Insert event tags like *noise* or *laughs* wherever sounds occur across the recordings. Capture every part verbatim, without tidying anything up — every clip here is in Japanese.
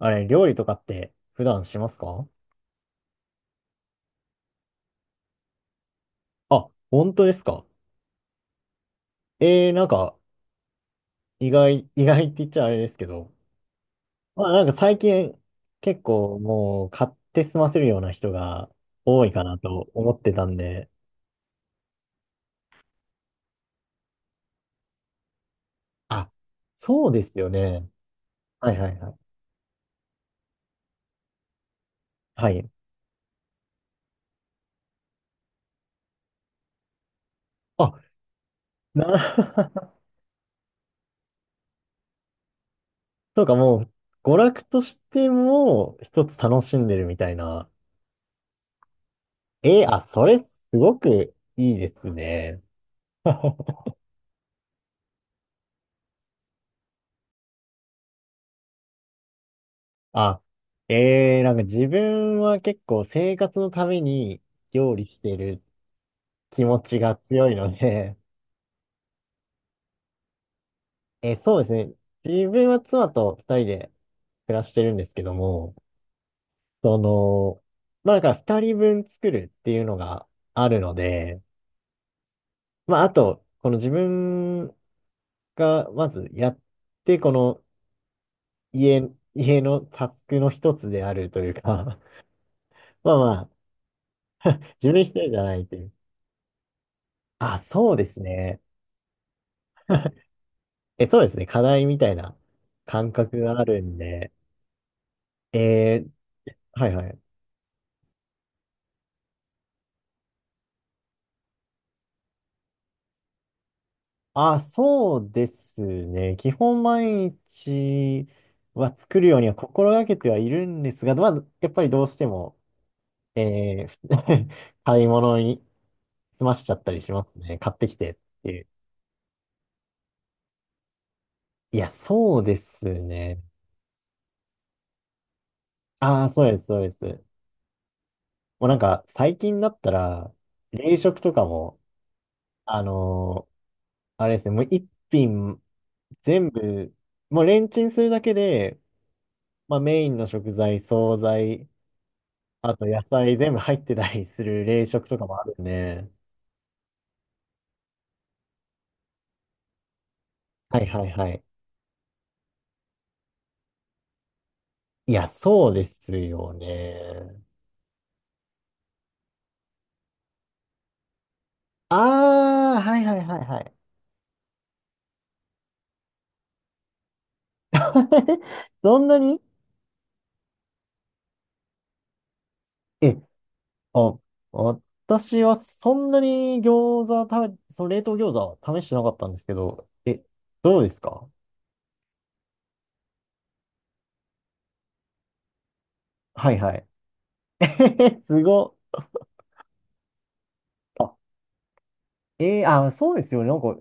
あれ、料理とかって普段しますか？あ、本当ですか？えー、なんか、意外、意外って言っちゃあれですけど、まあなんか最近結構もう買って済ませるような人が多いかなと思ってたんで、あ、そうですよね。はいはいはい。はい。あ、な、*laughs* そうかもう、娯楽としても一つ楽しんでるみたいな。えー、あ、それすごくいいですね。*laughs* あ、ええーなんか自分は結構生活のために料理してる気持ちが強いので、*laughs* えーそうですね。自分は妻と二人で暮らしてるんですけども、その、まあだからふたりぶん作るっていうのがあるので、まああと、この自分がまずやって、この家、家のタスクの一つであるというか、*laughs* まあまあ、自分一人じゃないという。あ、そうですね。え、そうですね。課題みたいな感覚があるんで。えーはいはい。あ、そうですね。基本毎日は作るようには心がけてはいるんですが、まあ、やっぱりどうしても、えーふ *laughs* 買い物に済ましちゃったりしますね。買ってきてっていう。いや、そうですね。ああ、そうです、そうです。もうなんか、最近だったら、冷食とかも、あのーあれですね、もう一品全部、もうレンチンするだけで、まあメインの食材、惣菜、あと野菜全部入ってたりする冷食とかもあるね。はいはいはい。いや、そうですよね。ああ、はいはいはいはい。*laughs* そんなにえ、あ、私はそんなに餃子食べ、その冷凍餃子は試してなかったんですけど、え、どうですか？はいはい。*laughs* すごっ。えーあ、そうですよね。なんか、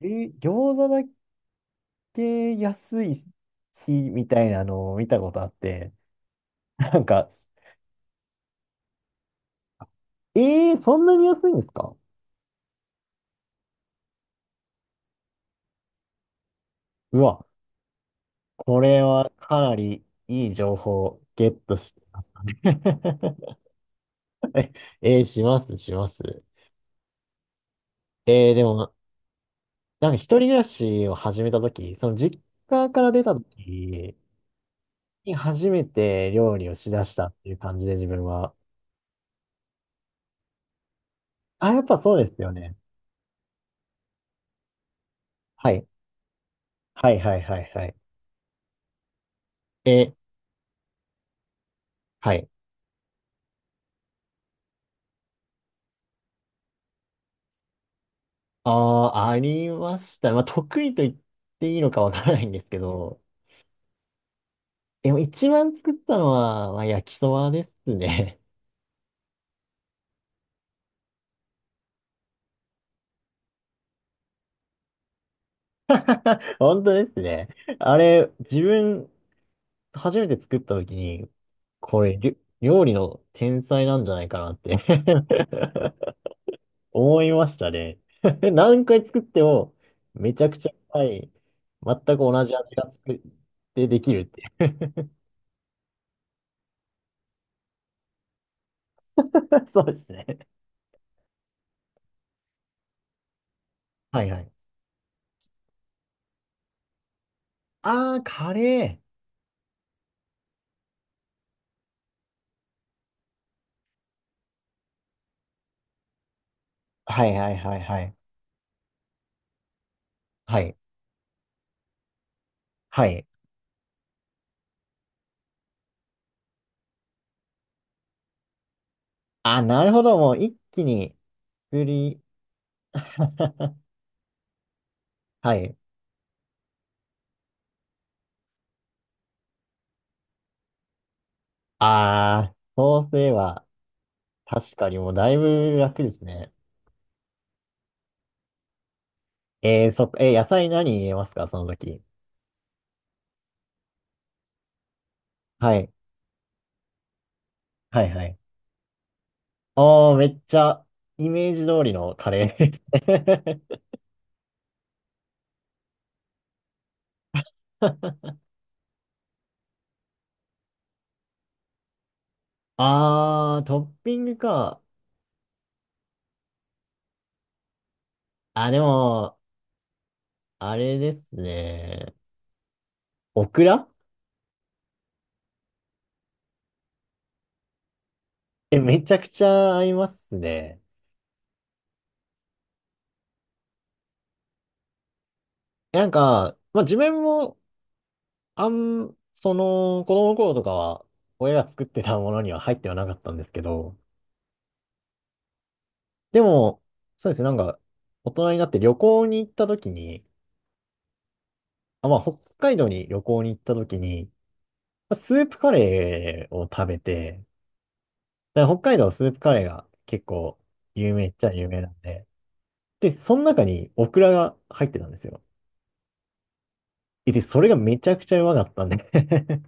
えー餃子だけ安い日みたいなのを見たことあって、なんか、えー、そんなに安いんですか？うわ、これはかなりいい情報をゲットしましたね。 *laughs* えー、します、します。えー、でも、なんか一人暮らしを始めたとき、その実家から出たときに初めて料理をしだしたっていう感じで自分は。あ、やっぱそうですよね。はい。はいはいはいはい。え、はい。ああ、ありました。まあ、得意と言っていいのかわからないんですけど、でも一番作ったのは、まあ、焼きそばですね。*laughs* 本当ですね。あれ、自分、初めて作った時に、これ、りょ料理の天才なんじゃないかなって *laughs* 思いましたね。*laughs* 何回作っても、めちゃくちゃうまい、全く同じ味が作ってできるっていう。 *laughs* そうですね。はいはい。ああ、カレー。はいはいはいはい。はい。はい。あ、なるほど。もう一気に作り。*laughs* はい。あー、そうすれば、確かにもうだいぶ楽ですね。えー、そっか、えー野菜何入れますかその時？はい。はいはい。おー、めっちゃ、イメージ通りのカレーですね。 *laughs* あー、トッピングか。あ、でも、あれですね。オクラえ、めちゃくちゃ合いますね。なんか、まあ自分も、あん、その、子供の頃とかは、親が作ってたものには入ってはなかったんですけど、でも、そうですね、なんか、大人になって旅行に行った時に、あ、まあ、北海道に旅行に行った時に、まあスープカレーを食べて、だから北海道スープカレーが結構有名っちゃ有名なんで、で、その中にオクラが入ってたんですよ。で、それがめちゃくちゃうまかったんで。 *laughs*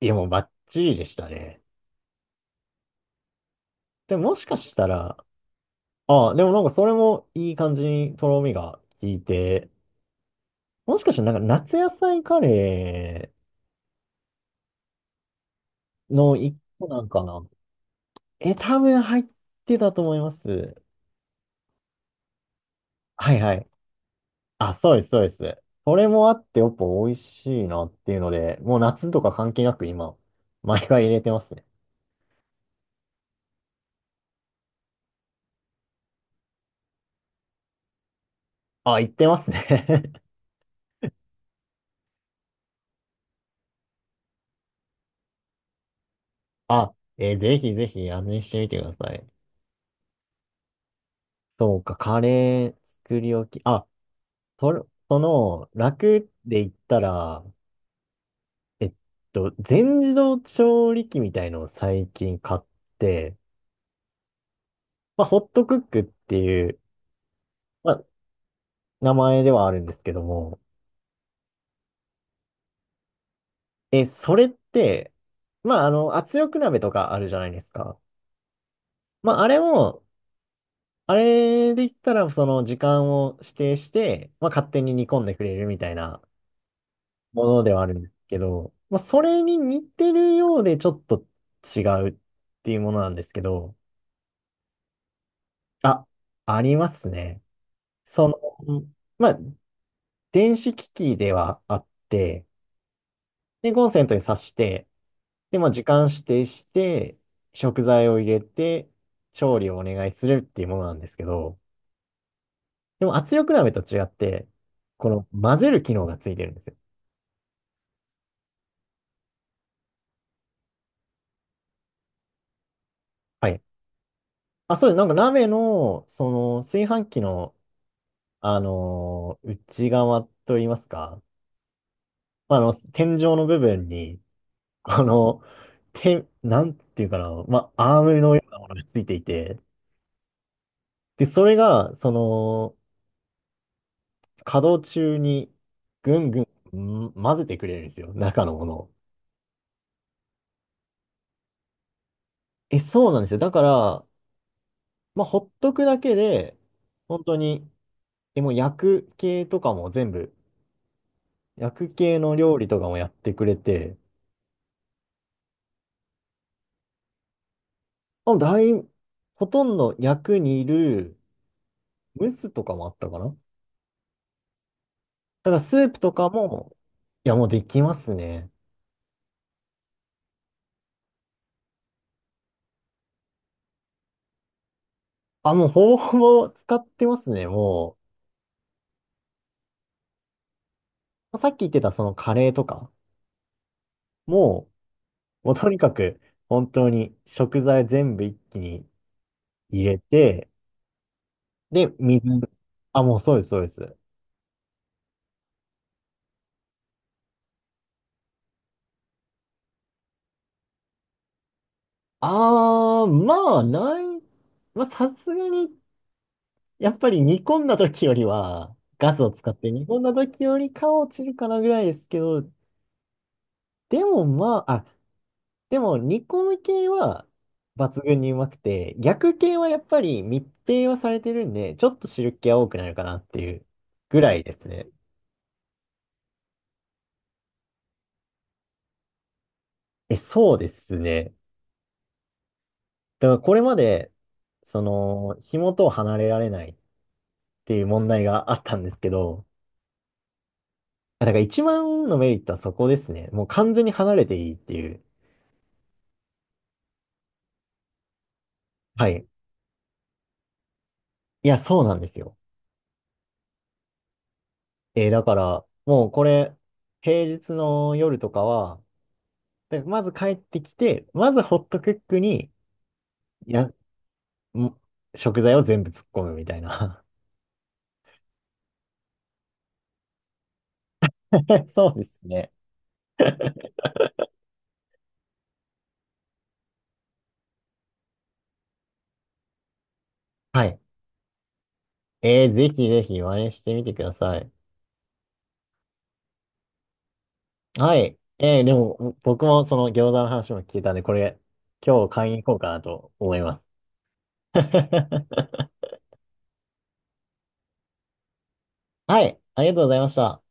いや、もうバッチリでしたね。でも、もしかしたら、ああ、でもなんかそれもいい感じにとろみが効いて、もしかしたらなんか夏野菜カレーの一個なんかな。え、多分入ってたと思います。はいはい。あ、そうです、そうです。それもあってやっぱ美味しいなっていうので、もう夏とか関係なく今、毎回入れてますね。あ、行ってますね。 *laughs* あ、えーぜひぜひ味見してみてください。そうか、カレー作り置き。あ、それ、その、楽で言ったら、えっと、全自動調理器みたいのを最近買って、まあ、ホットクックっていう、まあ、名前ではあるんですけども、え、それって、まあ、あの、圧力鍋とかあるじゃないですか。まあ、あれも、あれで言ったら、その時間を指定して、まあ、勝手に煮込んでくれるみたいなものではあるんですけど、まあ、それに似てるようでちょっと違うっていうものなんですけど、あ、ありますね。その、まあ、電子機器ではあって、で、コンセントに挿して、で、まあ、時間指定して、食材を入れて、調理をお願いするっていうものなんですけど、でも圧力鍋と違って、この混ぜる機能がついてるんですよ。はい。あ、そうです。なんか鍋の、その、炊飯器の、あのー内側といいますか、まああの、天井の部分に、この、て、なんていうかな、まあ、アームのようなものがついていて、で、それが、その、稼働中にぐんぐん、ん混ぜてくれるんですよ、中のものを。え、そうなんですよ。だから、まあ、ほっとくだけで、本当に、え、もう薬系とかも全部、薬系の料理とかもやってくれて、あ、だい、ほとんど薬にいるムースとかもあったかな。だからスープとかも、いや、もうできますね。あ、もうほぼほぼ使ってますね、もう。さっき言ってたそのカレーとかも、もうとにかく、本当に食材全部一気に入れて、で、水、あ、もうそうです、そうです。あー、まあ、ない、まあ、さすがに、やっぱり煮込んだ時よりは、ガスを使って煮込んだ時よりかは落ちるかなぐらいですけど、でもまあ、あ、でも煮込む系は抜群にうまくて、逆系はやっぱり密閉はされてるんで、ちょっと汁気は多くなるかなっていうぐらいですね。え、そうですね。だからこれまで、その、紐と離れられないっていう問題があったんですけど、あだから一番のメリットはそこですね。もう完全に離れていいっていう。はい。いや、そうなんですよ。えーだから、もうこれ、平日の夜とかは、でまず帰ってきて、まずホットクックに、いや、ん食材を全部突っ込むみたいな。*laughs* そうですね。はい。えーぜひぜひ真似してみてください。はい。えーでも、僕もその餃子の話も聞いたんで、これ、今日買いに行こうかなと思います。*laughs* はい。ありがとうございました。